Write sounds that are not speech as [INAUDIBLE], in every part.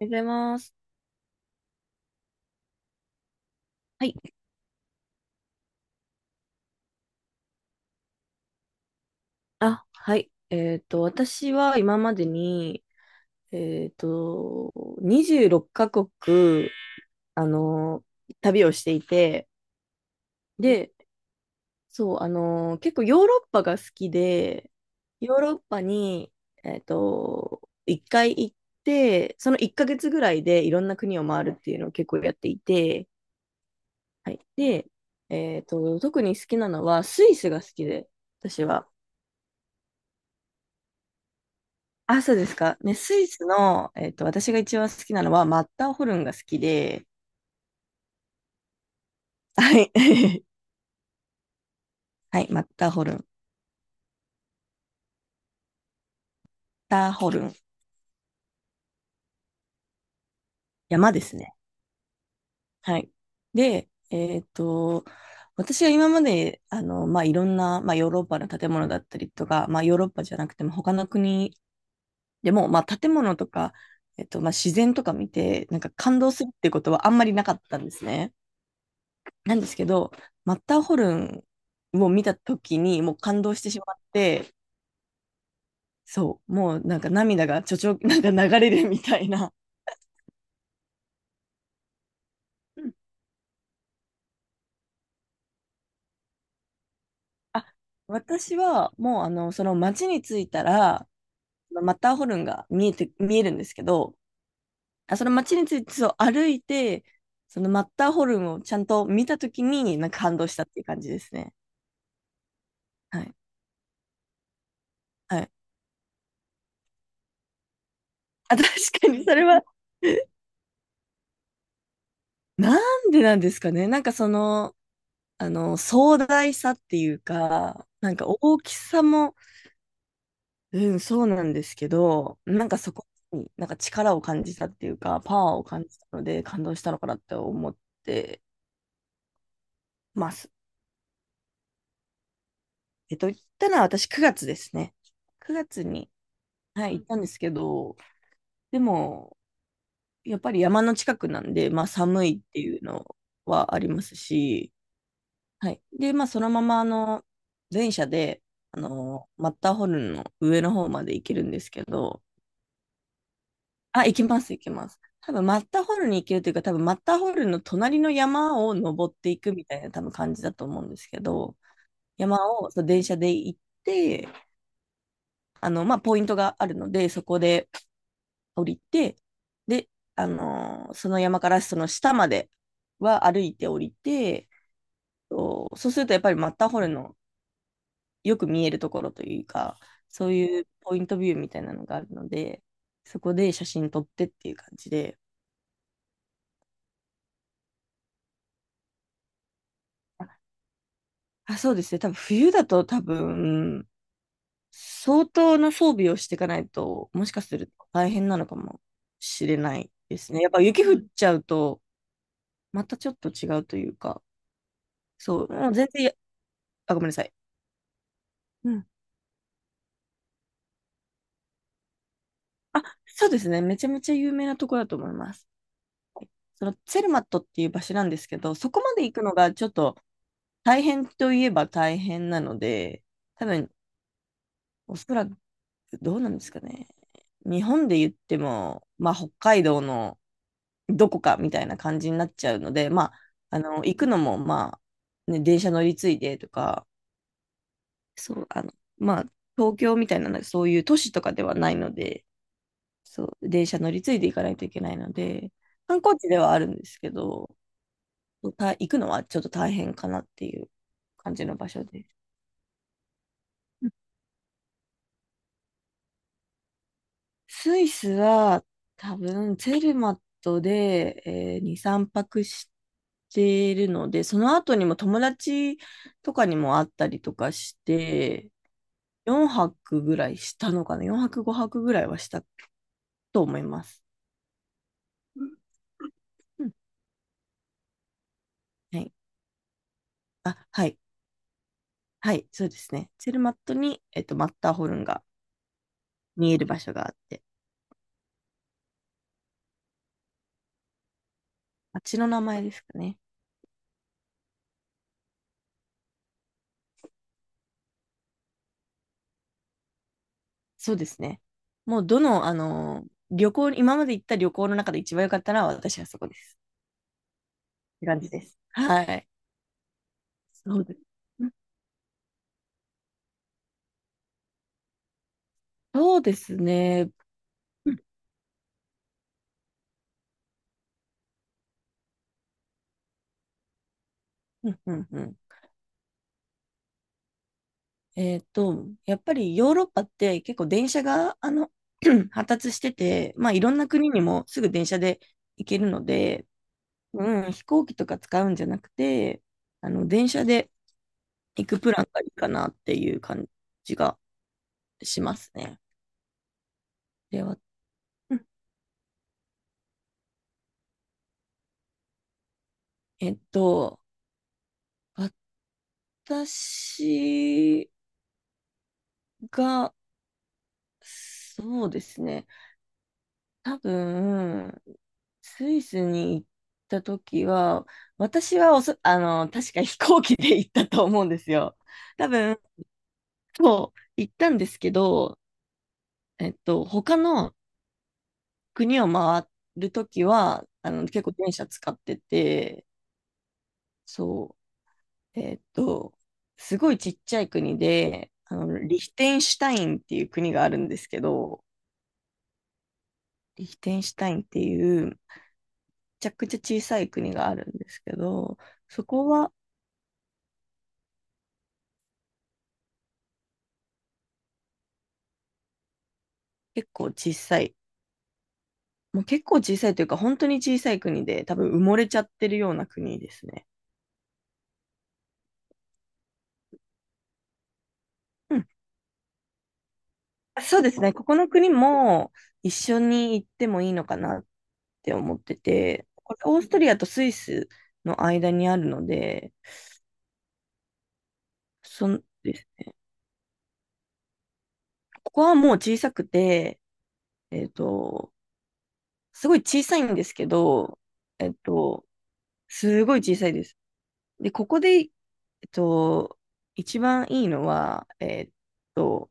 おはようございます。はい。あ、はい。私は今までに、えっと、26カ国、あの、旅をしていて、で、そう、あの、結構ヨーロッパが好きで、ヨーロッパに、1回行って、その1ヶ月ぐらいでいろんな国を回るっていうのを結構やっていて、はい。で、特に好きなのはスイスが好きで、私は。あ、そうですか。ね、スイスの、私が一番好きなのは、マッターホルンが好きで、はい。[LAUGHS] はい、マッターホルン。マッターホルン。山ですね。はい。で、私は今まで、あの、まあ、いろんな、まあ、ヨーロッパの建物だったりとか、まあ、ヨーロッパじゃなくても、他の国でも、まあ、建物とか、まあ、自然とか見て、なんか感動するってことはあんまりなかったんですね。なんですけど、マッターホルンを見たときに、もう感動してしまって、そう、もうなんか涙がちょちょ、[LAUGHS] なんか流れるみたいな。うん。あ、私はもうあの、その町に着いたら、マッターホルンが見えて、見えるんですけど、あその町についてそう歩いて、そのマッターホルンをちゃんと見たときに、なんか感動したっていう感じですね。はい。はい。[LAUGHS] あ、確かにそれは。 [LAUGHS] なんでなんですかね。なんかその、あの、壮大さっていうか、なんか大きさも、うん、そうなんですけど、なんかそこになんか力を感じたっていうか、パワーを感じたので感動したのかなって思ってます。行ったのは私9月ですね。9月に、はい、行ったんですけど、でも、やっぱり山の近くなんで、まあ寒いっていうのはありますし、はい。で、まあそのまま、あの、電車で、あの、マッターホルンの上の方まで行けるんですけど、あ、行きます、行きます。多分マッターホルンに行けるというか、多分マッターホルンの隣の山を登っていくみたいな多分感じだと思うんですけど、山をそう電車で行って、あの、まあ、ポイントがあるので、そこで降りて、で、あのーその山からその下までは歩いて降りて、そうそうするとやっぱりマッターホルンのよく見えるところというか、そういうポイントビューみたいなのがあるので、そこで写真撮ってっていう感じで、あ、そうですね。多分冬だと多分、相当な装備をしていかないと、もしかすると大変なのかもしれないですね。やっぱ雪降っちゃうと、またちょっと違うというか、そう、もう全然や、あ、ごめんなさい。うん、あ、そうですね。めちゃめちゃ有名なところだと思います。はい。そのツェルマットっていう場所なんですけど、そこまで行くのがちょっと大変といえば大変なので、多分、おそらくどうなんですかね。日本で言っても、まあ、北海道のどこかみたいな感じになっちゃうので、まあ、あの、行くのも、まあ、ね、電車乗り継いでとか、そう、あの、まあ、東京みたいな、そういう都市とかではないので、そう、電車乗り継いで行かないといけないので、観光地ではあるんですけど、た行くのはちょっと大変かなっていう感じの場所です。う。スイスは多分ツェルマットで、え2、3泊しているので、その後にも友達とかにも会ったりとかして、4泊ぐらいしたのかな？ 4 泊5泊ぐらいはしたと思います。うん。はい。あ、はい。はい。そうですね。ツェルマットに、マッターホルンが見える場所があって、あっちの名前ですかね。そうですね。もうどの、あの旅行、今まで行った旅行の中で一番良かったのは私はそこです。って感じです。はい。そうです。そうですね。うんうんうんうん。やっぱりヨーロッパって結構電車があの [CLEARS THROAT] 発達してて、まあ、いろんな国にもすぐ電車で行けるので、うん、飛行機とか使うんじゃなくて、あの電車で行くプランがいいかなっていう感じがしますね。では、うん。えっと、私が、そうですね、多分、スイスに行った時は、私はおそ、あの、確か飛行機で行ったと思うんですよ。多分、そう、行ったんですけど、他の国を回る時は、あの、結構電車使ってて、そう、すごいちっちゃい国で、あの、リヒテンシュタインっていう国があるんですけど、リヒテンシュタインっていう、めちゃくちゃ小さい国があるんですけど、そこは結構小さい。もう結構小さいというか、本当に小さい国で、多分埋もれちゃってるような国ですね。うん。そうですね。ここの国も一緒に行ってもいいのかなって思ってて、これオーストリアとスイスの間にあるので、そんです。ここはもう小さくて、えっと、すごい小さいんですけど、えっと、すごい小さいです。で、ここで、と、一番いいのは、と、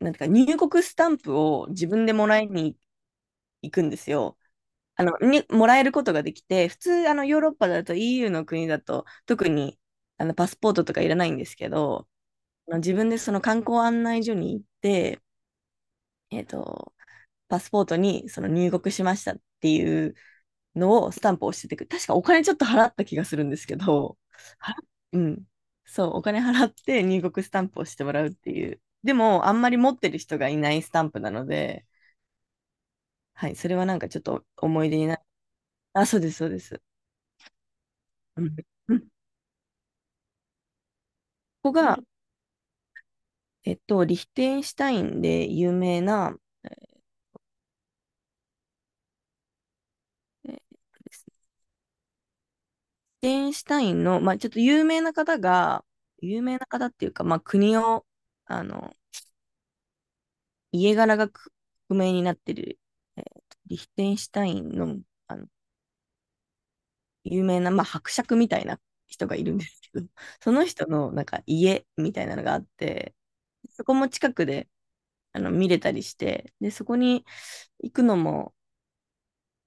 なんていうか、入国スタンプを自分でもらいに行くんですよ。あの、に、もらえることができて、普通、あの、ヨーロッパだと EU の国だと、特に、あの、パスポートとかいらないんですけど、あの自分でその観光案内所に行って、えっと、パスポートにその入国しましたっていうのをスタンプを押しててく、確かお金ちょっと払った気がするんですけど、払っうん。そう、お金払って入国スタンプをしてもらうっていう。でも、あんまり持ってる人がいないスタンプなので、はい、それはなんかちょっと思い出になる。あ、そうです、そうです。うんうん。ここが、リヒテンシュタインで有名な、えーですね。リヒテンシュタインの、まあ、ちょっと有名な方が、有名な方っていうか、まあ、国を、あの、家柄がく不明になってる、リヒテンシュタインの、あの、有名な、まあ、伯爵みたいな人がいるんですけど、その人の、なんか、家みたいなのがあって、そこも近くで、あの見れたりして、で、そこに行くのも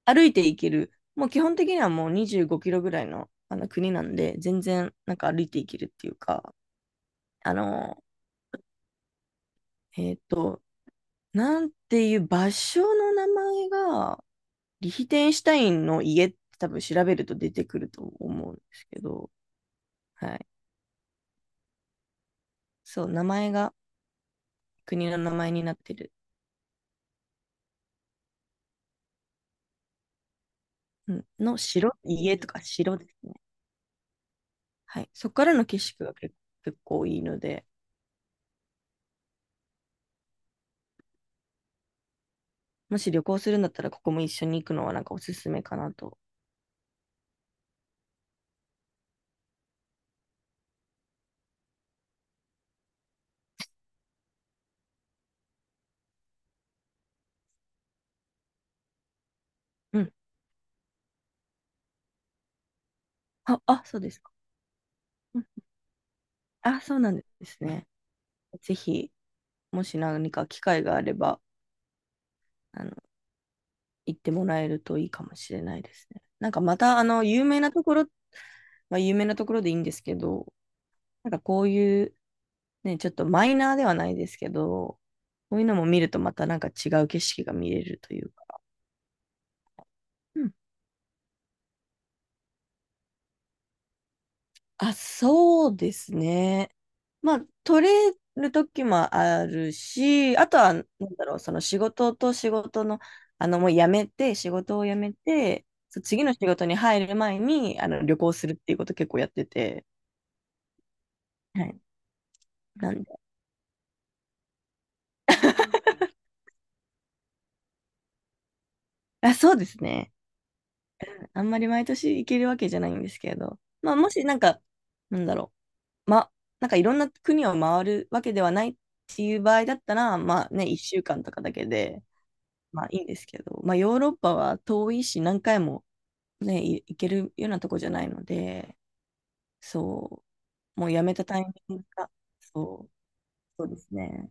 歩いて行ける、もう基本的にはもう25キロぐらいの、あの国なんで、全然なんか歩いて行けるっていうか、あの、えっと、なんていう場所の名前が、リヒテンシュタインの家って多分調べると出てくると思うんですけど、はい。そう、名前が国の名前になってる。うんの城、家とか城ですね。はい。そこからの景色が結構いいので、もし旅行するんだったら、ここも一緒に行くのはなんかおすすめかなと。うん。あ、あ、そうですか。うん。あ、そうなんですね。ぜひ、もし何か機会があれば、あの、行ってもらえるといいかもしれないですね。なんかまた、あの、有名なところ、まあ、有名なところでいいんですけど、なんかこういう、ね、ちょっとマイナーではないですけど、こういうのも見るとまたなんか違う景色が見れるというか。うん。あ、そうですね。まあ、取れる時もあるし、あとは、なんだろう、その仕事と仕事の、あの、もう辞めて、仕事を辞めて、そう次の仕事に入る前に、あの、旅行するっていうこと結構やってて、はい。なんで、あ、そうですね。あんまり毎年行けるわけじゃないんですけど、まあ、もしなんか、なんだろう、ま、なんかいろんな国を回るわけではないっていう場合だったら、まあね、1週間とかだけで、まあいいんですけど、まあヨーロッパは遠いし何回もね、い行けるようなとこじゃないので、そう、もうやめたタイミングが、そう、そうですね。